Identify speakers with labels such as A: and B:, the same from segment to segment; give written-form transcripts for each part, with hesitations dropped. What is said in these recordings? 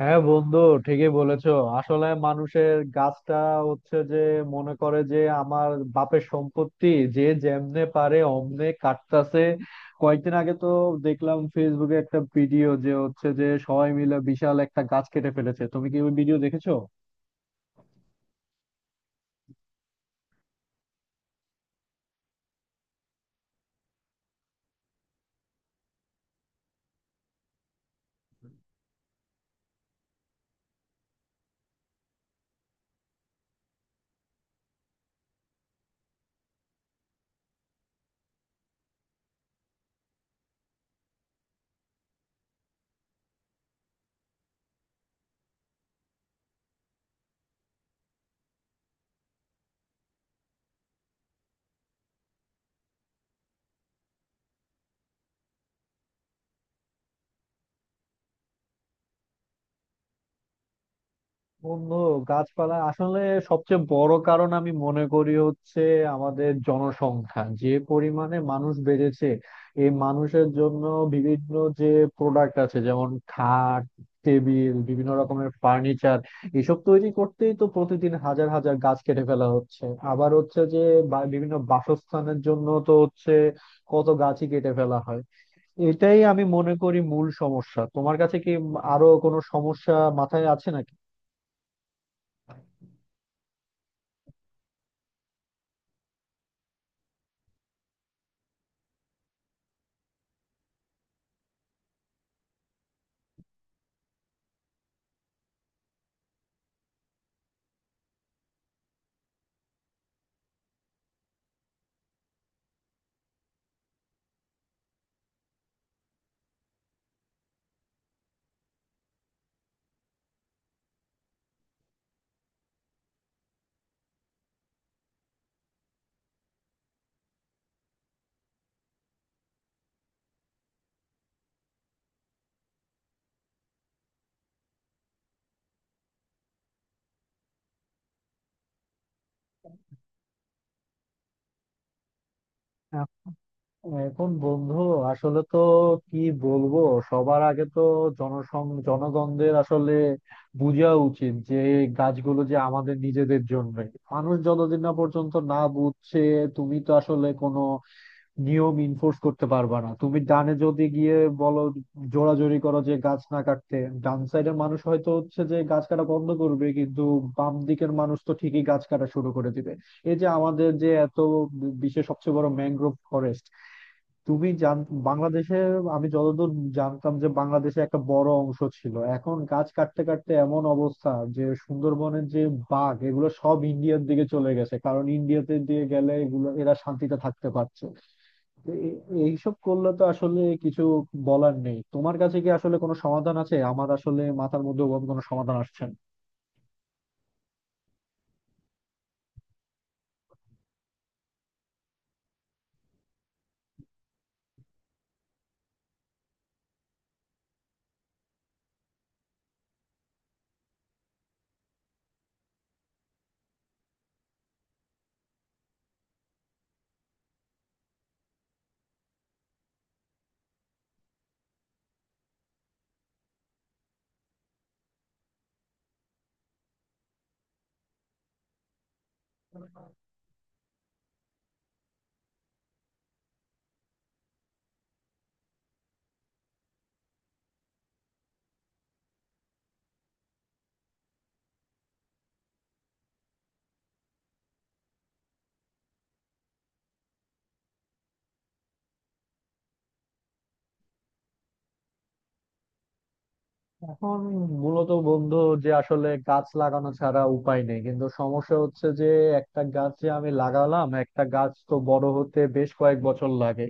A: হ্যাঁ বন্ধু, ঠিকই বলেছো। আসলে মানুষের গাছটা হচ্ছে যে, মনে করে যে আমার বাপের সম্পত্তি, যে যেমনে পারে অমনে কাটতাছে। কয়েকদিন আগে তো দেখলাম ফেসবুকে একটা ভিডিও যে হচ্ছে যে সবাই মিলে বিশাল একটা গাছ কেটে ফেলেছে। তুমি কি ওই ভিডিও দেখেছো? বন্ধু, গাছপালা আসলে সবচেয়ে বড় কারণ আমি মনে করি হচ্ছে আমাদের জনসংখ্যা, যে পরিমাণে মানুষ বেড়েছে। এই মানুষের জন্য বিভিন্ন যে প্রোডাক্ট আছে, যেমন খাট, টেবিল, বিভিন্ন রকমের ফার্নিচার, এসব তৈরি করতেই তো প্রতিদিন হাজার হাজার গাছ কেটে ফেলা হচ্ছে। আবার হচ্ছে যে বিভিন্ন বাসস্থানের জন্য তো হচ্ছে কত গাছই কেটে ফেলা হয়। এটাই আমি মনে করি মূল সমস্যা। তোমার কাছে কি আরো কোনো সমস্যা মাথায় আছে নাকি? এখন বন্ধু, আসলে তো কি বলবো, সবার আগে তো জনগণদের আসলে বোঝা উচিত যে গাছগুলো যে আমাদের নিজেদের জন্য। মানুষ যতদিন না পর্যন্ত না বুঝছে, তুমি তো আসলে কোনো নিয়ম ইনফোর্স করতে পারবা না। তুমি ডানে যদি গিয়ে বলো, জোরাজোরি করো যে গাছ না কাটতে, ডান সাইডের মানুষ হয়তো হচ্ছে যে গাছ কাটা বন্ধ করবে, কিন্তু বাম দিকের মানুষ তো ঠিকই গাছ কাটা শুরু করে দিবে। এই যে আমাদের যে এত বিশ্বের সবচেয়ে বড় ম্যানগ্রোভ ফরেস্ট, তুমি জান, বাংলাদেশে আমি যতদূর জানতাম যে বাংলাদেশে একটা বড় অংশ ছিল, এখন গাছ কাটতে কাটতে এমন অবস্থা যে সুন্দরবনের যে বাঘ এগুলো সব ইন্ডিয়ার দিকে চলে গেছে, কারণ ইন্ডিয়াতে দিয়ে গেলে এগুলো এরা শান্তিতে থাকতে পারছে। তো এইসব করলে তো আসলে কিছু বলার নেই। তোমার কাছে কি আসলে কোনো সমাধান আছে? আমার আসলে মাথার মধ্যে ওরকম কোনো সমাধান আসছে না। এখন মূলত বন্ধু, যে আসলে গাছ লাগানো ছাড়া উপায় নেই, কিন্তু সমস্যা হচ্ছে যে একটা গাছ যে আমি লাগালাম, একটা গাছ তো বড় হতে বেশ কয়েক বছর লাগে।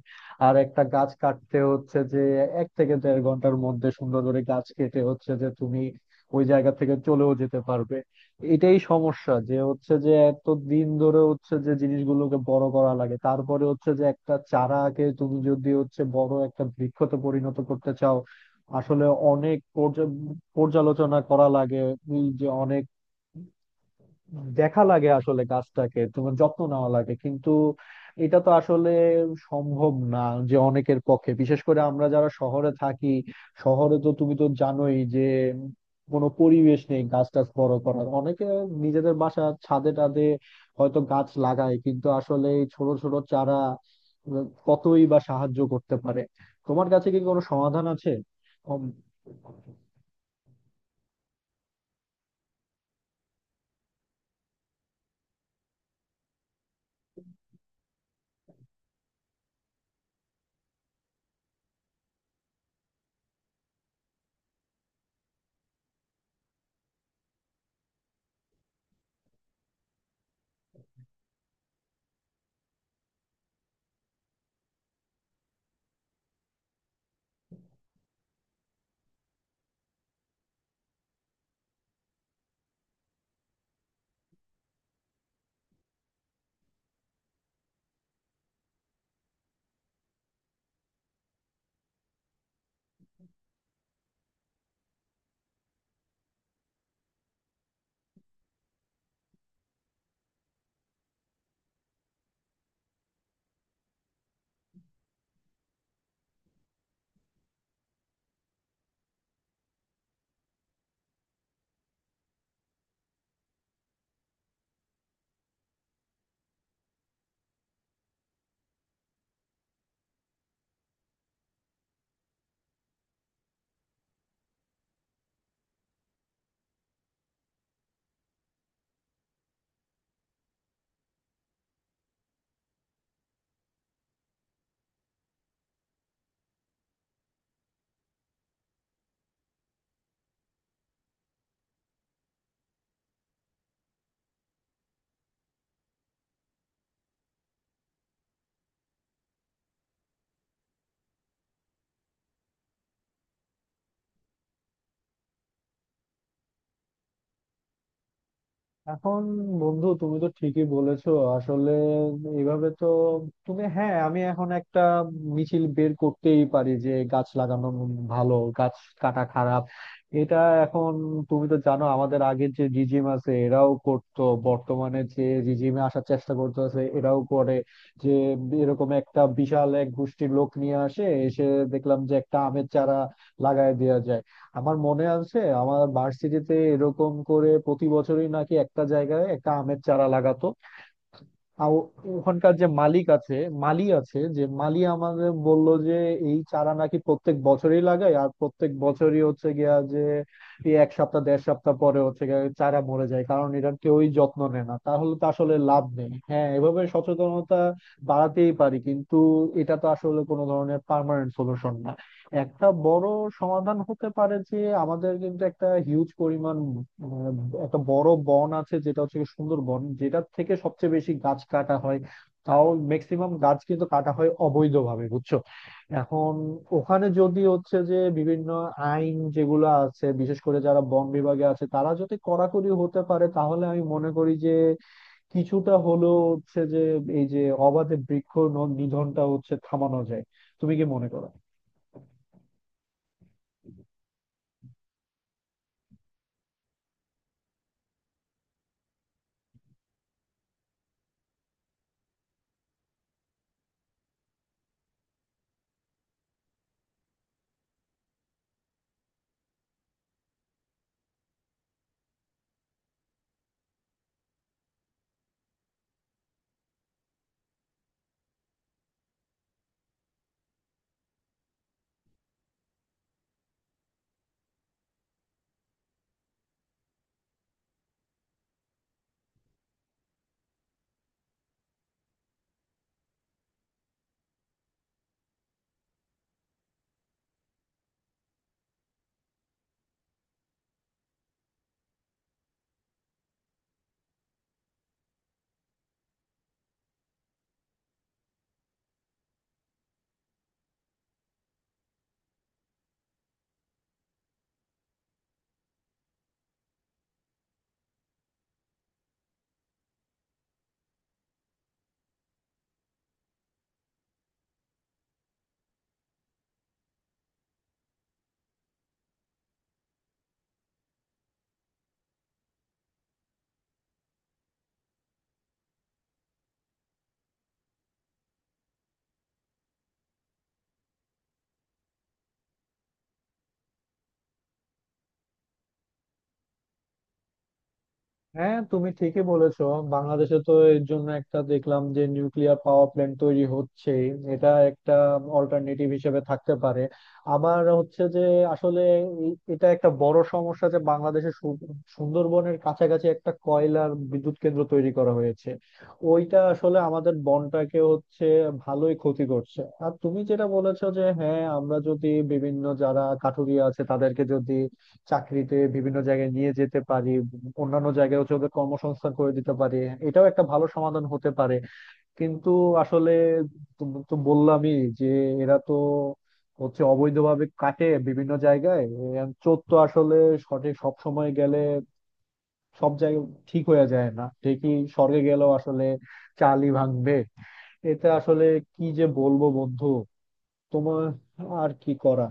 A: আর একটা গাছ কাটতে হচ্ছে যে এক থেকে দেড় ঘন্টার মধ্যে সুন্দর করে গাছ কেটে হচ্ছে যে তুমি ওই জায়গা থেকে চলেও যেতে পারবে। এটাই সমস্যা যে হচ্ছে যে এত দিন ধরে হচ্ছে যে জিনিসগুলোকে বড় করা লাগে, তারপরে হচ্ছে যে একটা চারাকে তুমি যদি হচ্ছে বড় একটা বৃক্ষতে পরিণত করতে চাও, আসলে অনেক পর্যালোচনা করা লাগে। এই যে অনেক দেখা লাগে, আসলে গাছটাকে তোমার যত্ন নেওয়া লাগে, কিন্তু এটা তো আসলে সম্ভব না যে অনেকের পক্ষে, বিশেষ করে আমরা যারা শহরে থাকি। শহরে তো তুমি তো জানোই যে কোনো পরিবেশ নেই গাছ টাছ বড় করার। অনেকে নিজেদের বাসা ছাদে টাদে হয়তো গাছ লাগায়, কিন্তু আসলে এই ছোট ছোট চারা কতই বা সাহায্য করতে পারে। তোমার কাছে কি কোনো সমাধান আছে? এখন বন্ধু, তুমি তো ঠিকই বলেছো। আসলে এইভাবে তো তুমি, হ্যাঁ, আমি এখন একটা মিছিল বের করতেই পারি যে গাছ লাগানো ভালো, গাছ কাটা খারাপ। এটা এখন তুমি তো জানো, আমাদের আগের যে রিজিম আছে এরাও করতো, বর্তমানে যে রিজিমে আসার চেষ্টা করতেছে এরাও করে যে এরকম একটা বিশাল এক গোষ্ঠীর লোক নিয়ে আসে, এসে দেখলাম যে একটা আমের চারা লাগায় দেওয়া যায়। আমার মনে আছে আমার ভার্সিটিতে এরকম করে প্রতি বছরই নাকি একটা জায়গায় একটা আমের চারা লাগাতো। আর ওখানকার যে মালিক আছে, মালি আছে, যে মালি আমাদের বলল যে এই চারা নাকি প্রত্যেক বছরই লাগায়, আর প্রত্যেক বছরই হচ্ছে গিয়া যে এই এক সপ্তাহ দেড় সপ্তাহ পরে হচ্ছে গিয়া চারা মরে যায়, কারণ এটার কেউই যত্ন নেয় না। তাহলে তো আসলে লাভ নেই। হ্যাঁ, এভাবে সচেতনতা বাড়াতেই পারি, কিন্তু এটা তো আসলে কোনো ধরনের পার্মানেন্ট সলিউশন না। একটা বড় সমাধান হতে পারে যে আমাদের কিন্তু একটা হিউজ পরিমাণ উম, একটা বড় বন আছে, যেটা হচ্ছে গিয়ে সুন্দরবন, যেটার থেকে সবচেয়ে বেশি গাছ কাটা হয়। তাও ম্যাক্সিমাম গাছ কিন্তু কাটা হয় অবৈধভাবে, বুঝছো। এখন ওখানে যদি হচ্ছে যে বিভিন্ন আইন যেগুলো আছে, বিশেষ করে যারা বন বিভাগে আছে তারা যদি কড়াকড়ি হতে পারে, তাহলে আমি মনে করি যে কিছুটা হলেও হচ্ছে যে এই যে অবাধে বৃক্ষ নিধনটা হচ্ছে থামানো যায়। তুমি কি মনে করো? হ্যাঁ, তুমি ঠিকই বলেছো। বাংলাদেশে তো এর জন্য একটা দেখলাম যে নিউক্লিয়ার পাওয়ার প্ল্যান্ট তৈরি হচ্ছে। এটা একটা অল্টারনেটিভ হিসেবে থাকতে পারে। আমার হচ্ছে যে আসলে এটা একটা বড় সমস্যা যে বাংলাদেশে সুন্দরবনের কাছাকাছি একটা কয়লার বিদ্যুৎ কেন্দ্র তৈরি করা হয়েছে। ওইটা আসলে আমাদের বনটাকে হচ্ছে ভালোই ক্ষতি করছে। আর তুমি যেটা বলেছো যে হ্যাঁ, আমরা যদি বিভিন্ন যারা কাঠুরিয়া আছে তাদেরকে যদি চাকরিতে বিভিন্ন জায়গায় নিয়ে যেতে পারি, অন্যান্য জায়গায় হচ্ছে ওদের কর্মসংস্থান করে দিতে পারি, এটাও একটা ভালো সমাধান হতে পারে। কিন্তু আসলে তো, বললামই যে এরা তো হচ্ছে অবৈধভাবে কাটে বিভিন্ন জায়গায়। এর চোর তো আসলে সঠিক সব সময় গেলে সব জায়গায় ঠিক হয়ে যায় না, ঠিকই স্বর্গে গেলেও আসলে চালই ভাঙবে। এতে আসলে কি যে বলবো বন্ধু, তোমার আর কি করা।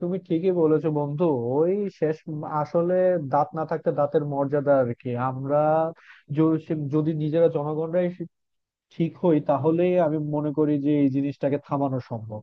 A: তুমি ঠিকই বলেছো বন্ধু। ওই শেষ আসলে দাঁত না থাকতে দাঁতের মর্যাদা আর কি। আমরা যদি নিজেরা জনগণরাই ঠিক হই, তাহলেই আমি মনে করি যে এই জিনিসটাকে থামানো সম্ভব।